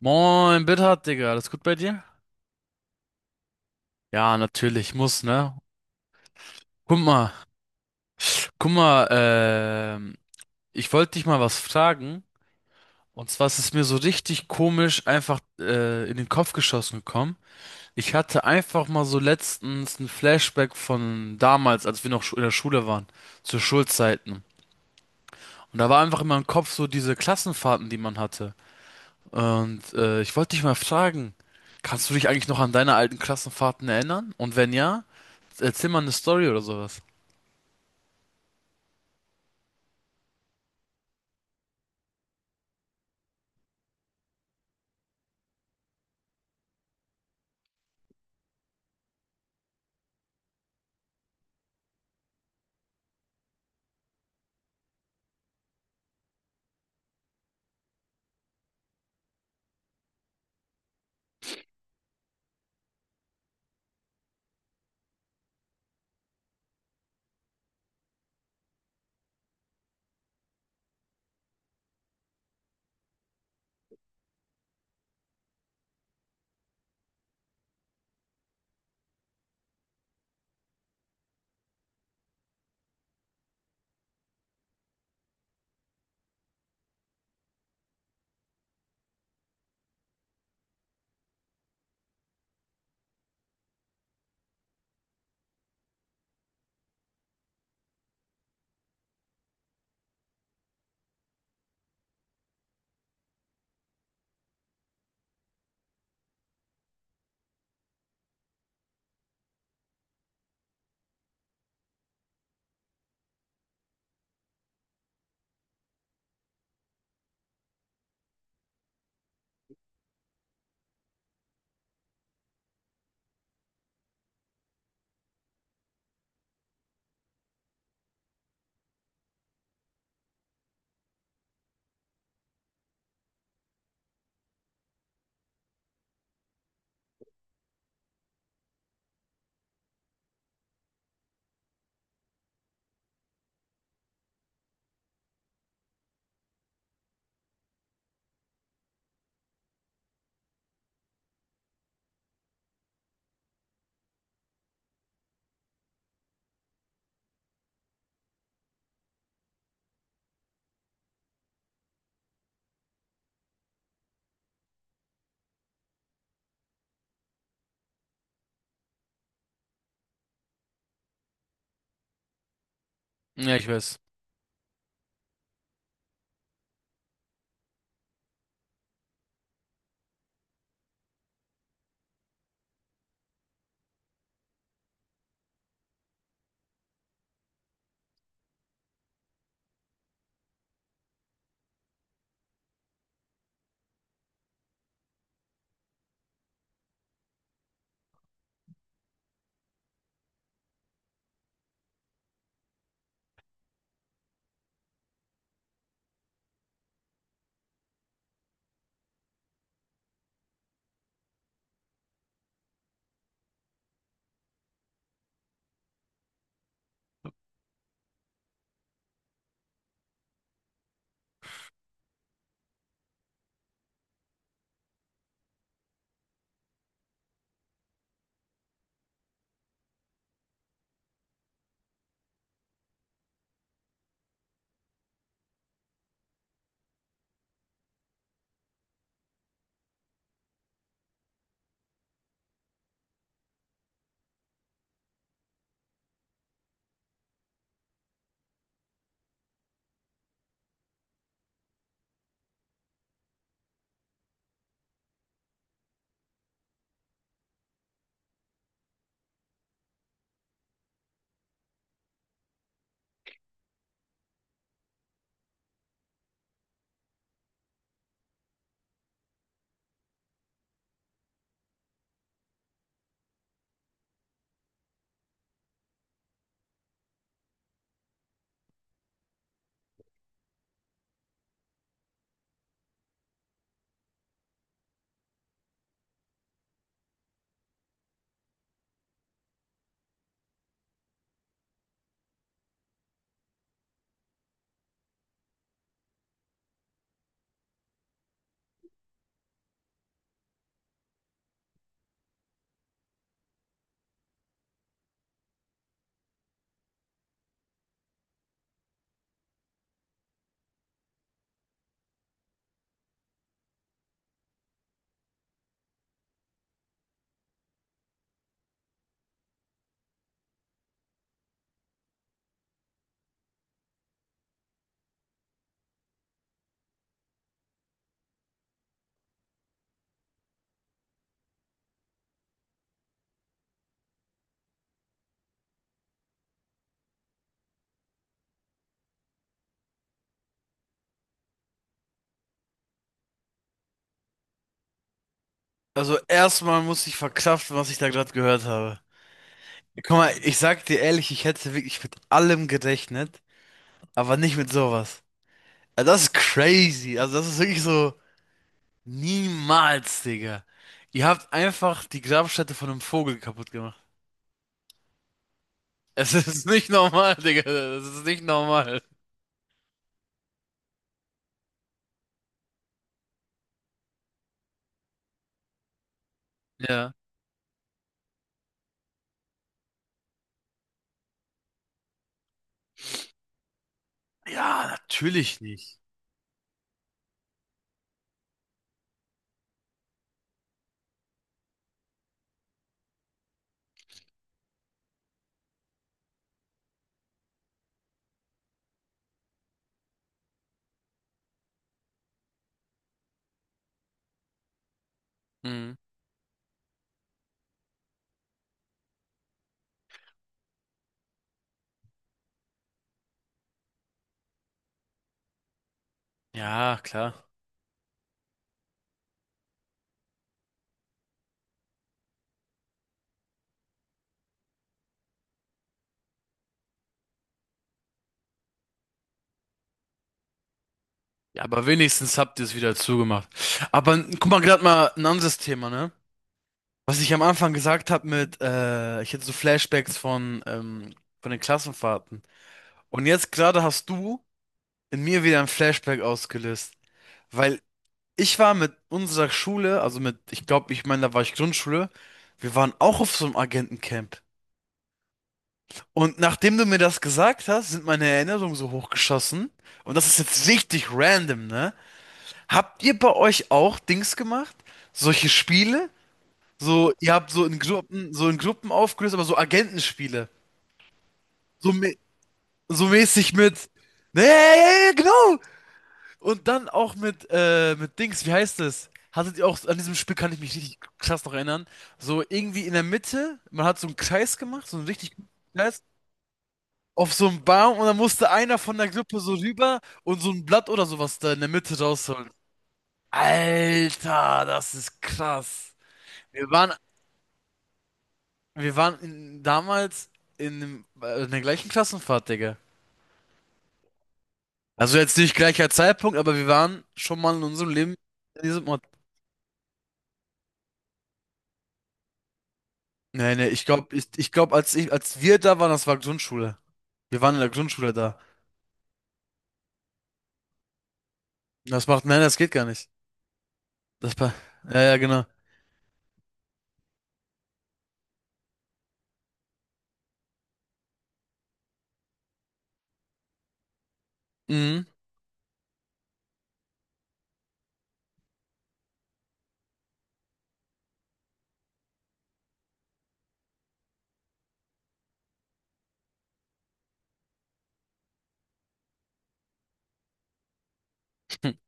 Moin, Bittert, Digga. Alles gut bei dir? Ja, natürlich, muss, ne? Guck mal, guck mal, ich wollte dich mal was fragen. Und zwar ist es mir so richtig komisch einfach in den Kopf geschossen gekommen. Ich hatte einfach mal so letztens ein Flashback von damals, als wir in der Schule waren, zu Schulzeiten. Und da war einfach in meinem Kopf so diese Klassenfahrten, die man hatte. Und ich wollte dich mal fragen, kannst du dich eigentlich noch an deine alten Klassenfahrten erinnern? Und wenn ja, erzähl mal eine Story oder sowas. Ja, ich weiß. Also erstmal muss ich verkraften, was ich da gerade gehört habe. Guck mal, ich sag dir ehrlich, ich hätte wirklich mit allem gerechnet, aber nicht mit sowas. Also das ist crazy. Also das ist wirklich so niemals, Digga. Ihr habt einfach die Grabstätte von einem Vogel kaputt gemacht. Es ist nicht normal, Digga. Das ist nicht normal. Ja. Ja, natürlich nicht. Mhm. Ja, klar. Ja, aber wenigstens habt ihr es wieder zugemacht. Aber guck mal, gerade mal ein anderes Thema, ne? Was ich am Anfang gesagt habe mit, ich hätte so Flashbacks von den Klassenfahrten. Und jetzt gerade hast du in mir wieder ein Flashback ausgelöst. Weil ich war mit unserer Schule, also mit, ich glaube, ich meine, da war ich Grundschule, wir waren auch auf so einem Agentencamp. Und nachdem du mir das gesagt hast, sind meine Erinnerungen so hochgeschossen. Und das ist jetzt richtig random, ne? Habt ihr bei euch auch Dings gemacht? Solche Spiele? So, ihr habt so in Gruppen aufgelöst, aber so Agentenspiele. So, so mäßig mit. Nee, ja, ja, ja, ja, genau! Und dann auch mit Dings, wie heißt das? Hattet ihr auch, an diesem Spiel kann ich mich richtig krass noch erinnern. So irgendwie in der Mitte, man hat so einen Kreis gemacht, so einen richtig guten Kreis, auf so einen Baum und dann musste einer von der Gruppe so rüber und so ein Blatt oder sowas da in der Mitte rausholen. Alter, das ist krass. Wir waren, wir waren in, damals in, in der gleichen Klassenfahrt, Digga. Also jetzt nicht gleicher Zeitpunkt, aber wir waren schon mal in unserem Leben in diesem Ort. Nee, nee, ich glaube, ich glaube, als wir da waren, das war Grundschule. Wir waren in der Grundschule da. Das macht, nein, das geht gar nicht. Das war, ja, ja, genau. Mhm.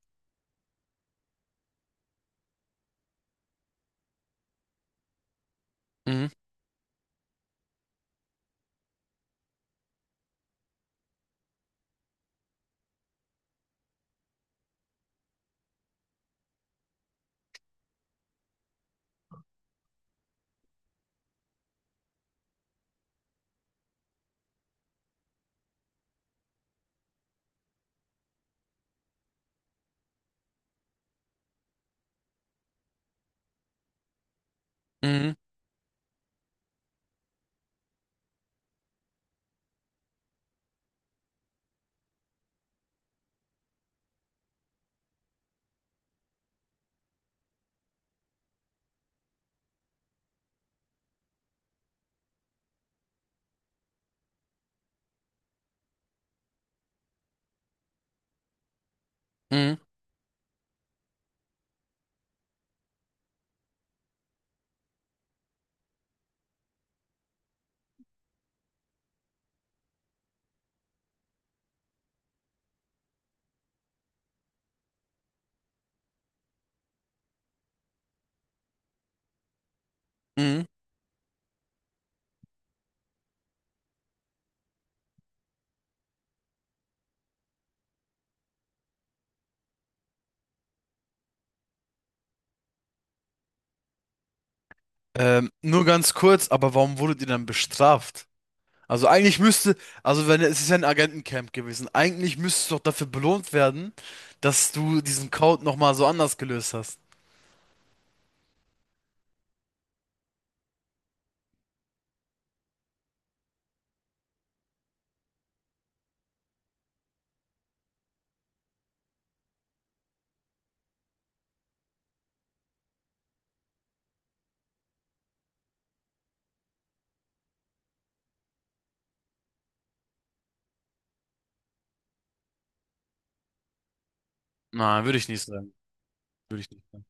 Mhm, mhm, mhm, mhm. Nur ganz kurz, aber warum wurdet ihr dann bestraft? Also eigentlich müsste, also wenn es ist ja ein Agentencamp gewesen, eigentlich müsstest du doch dafür belohnt werden, dass du diesen Code nochmal so anders gelöst hast. Nein, würde ich nicht sagen. Würde ich nicht sagen.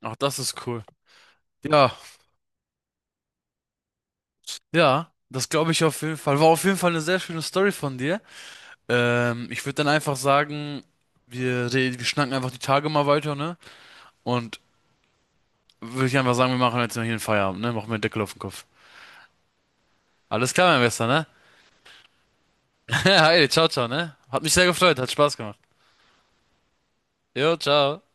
Ach, das ist cool. Ja, ja, das glaube ich auf jeden Fall. War auf jeden Fall eine sehr schöne Story von dir. Ich würde dann einfach sagen, wir schnacken einfach die Tage mal weiter, ne? Und würde ich einfach sagen, wir machen jetzt mal hier einen Feierabend, ne? Machen wir einen Deckel auf den Kopf. Alles klar, mein Bester, ne? Hi, ciao, ciao, ne? Hat mich sehr gefreut, hat Spaß gemacht. Jo, ciao.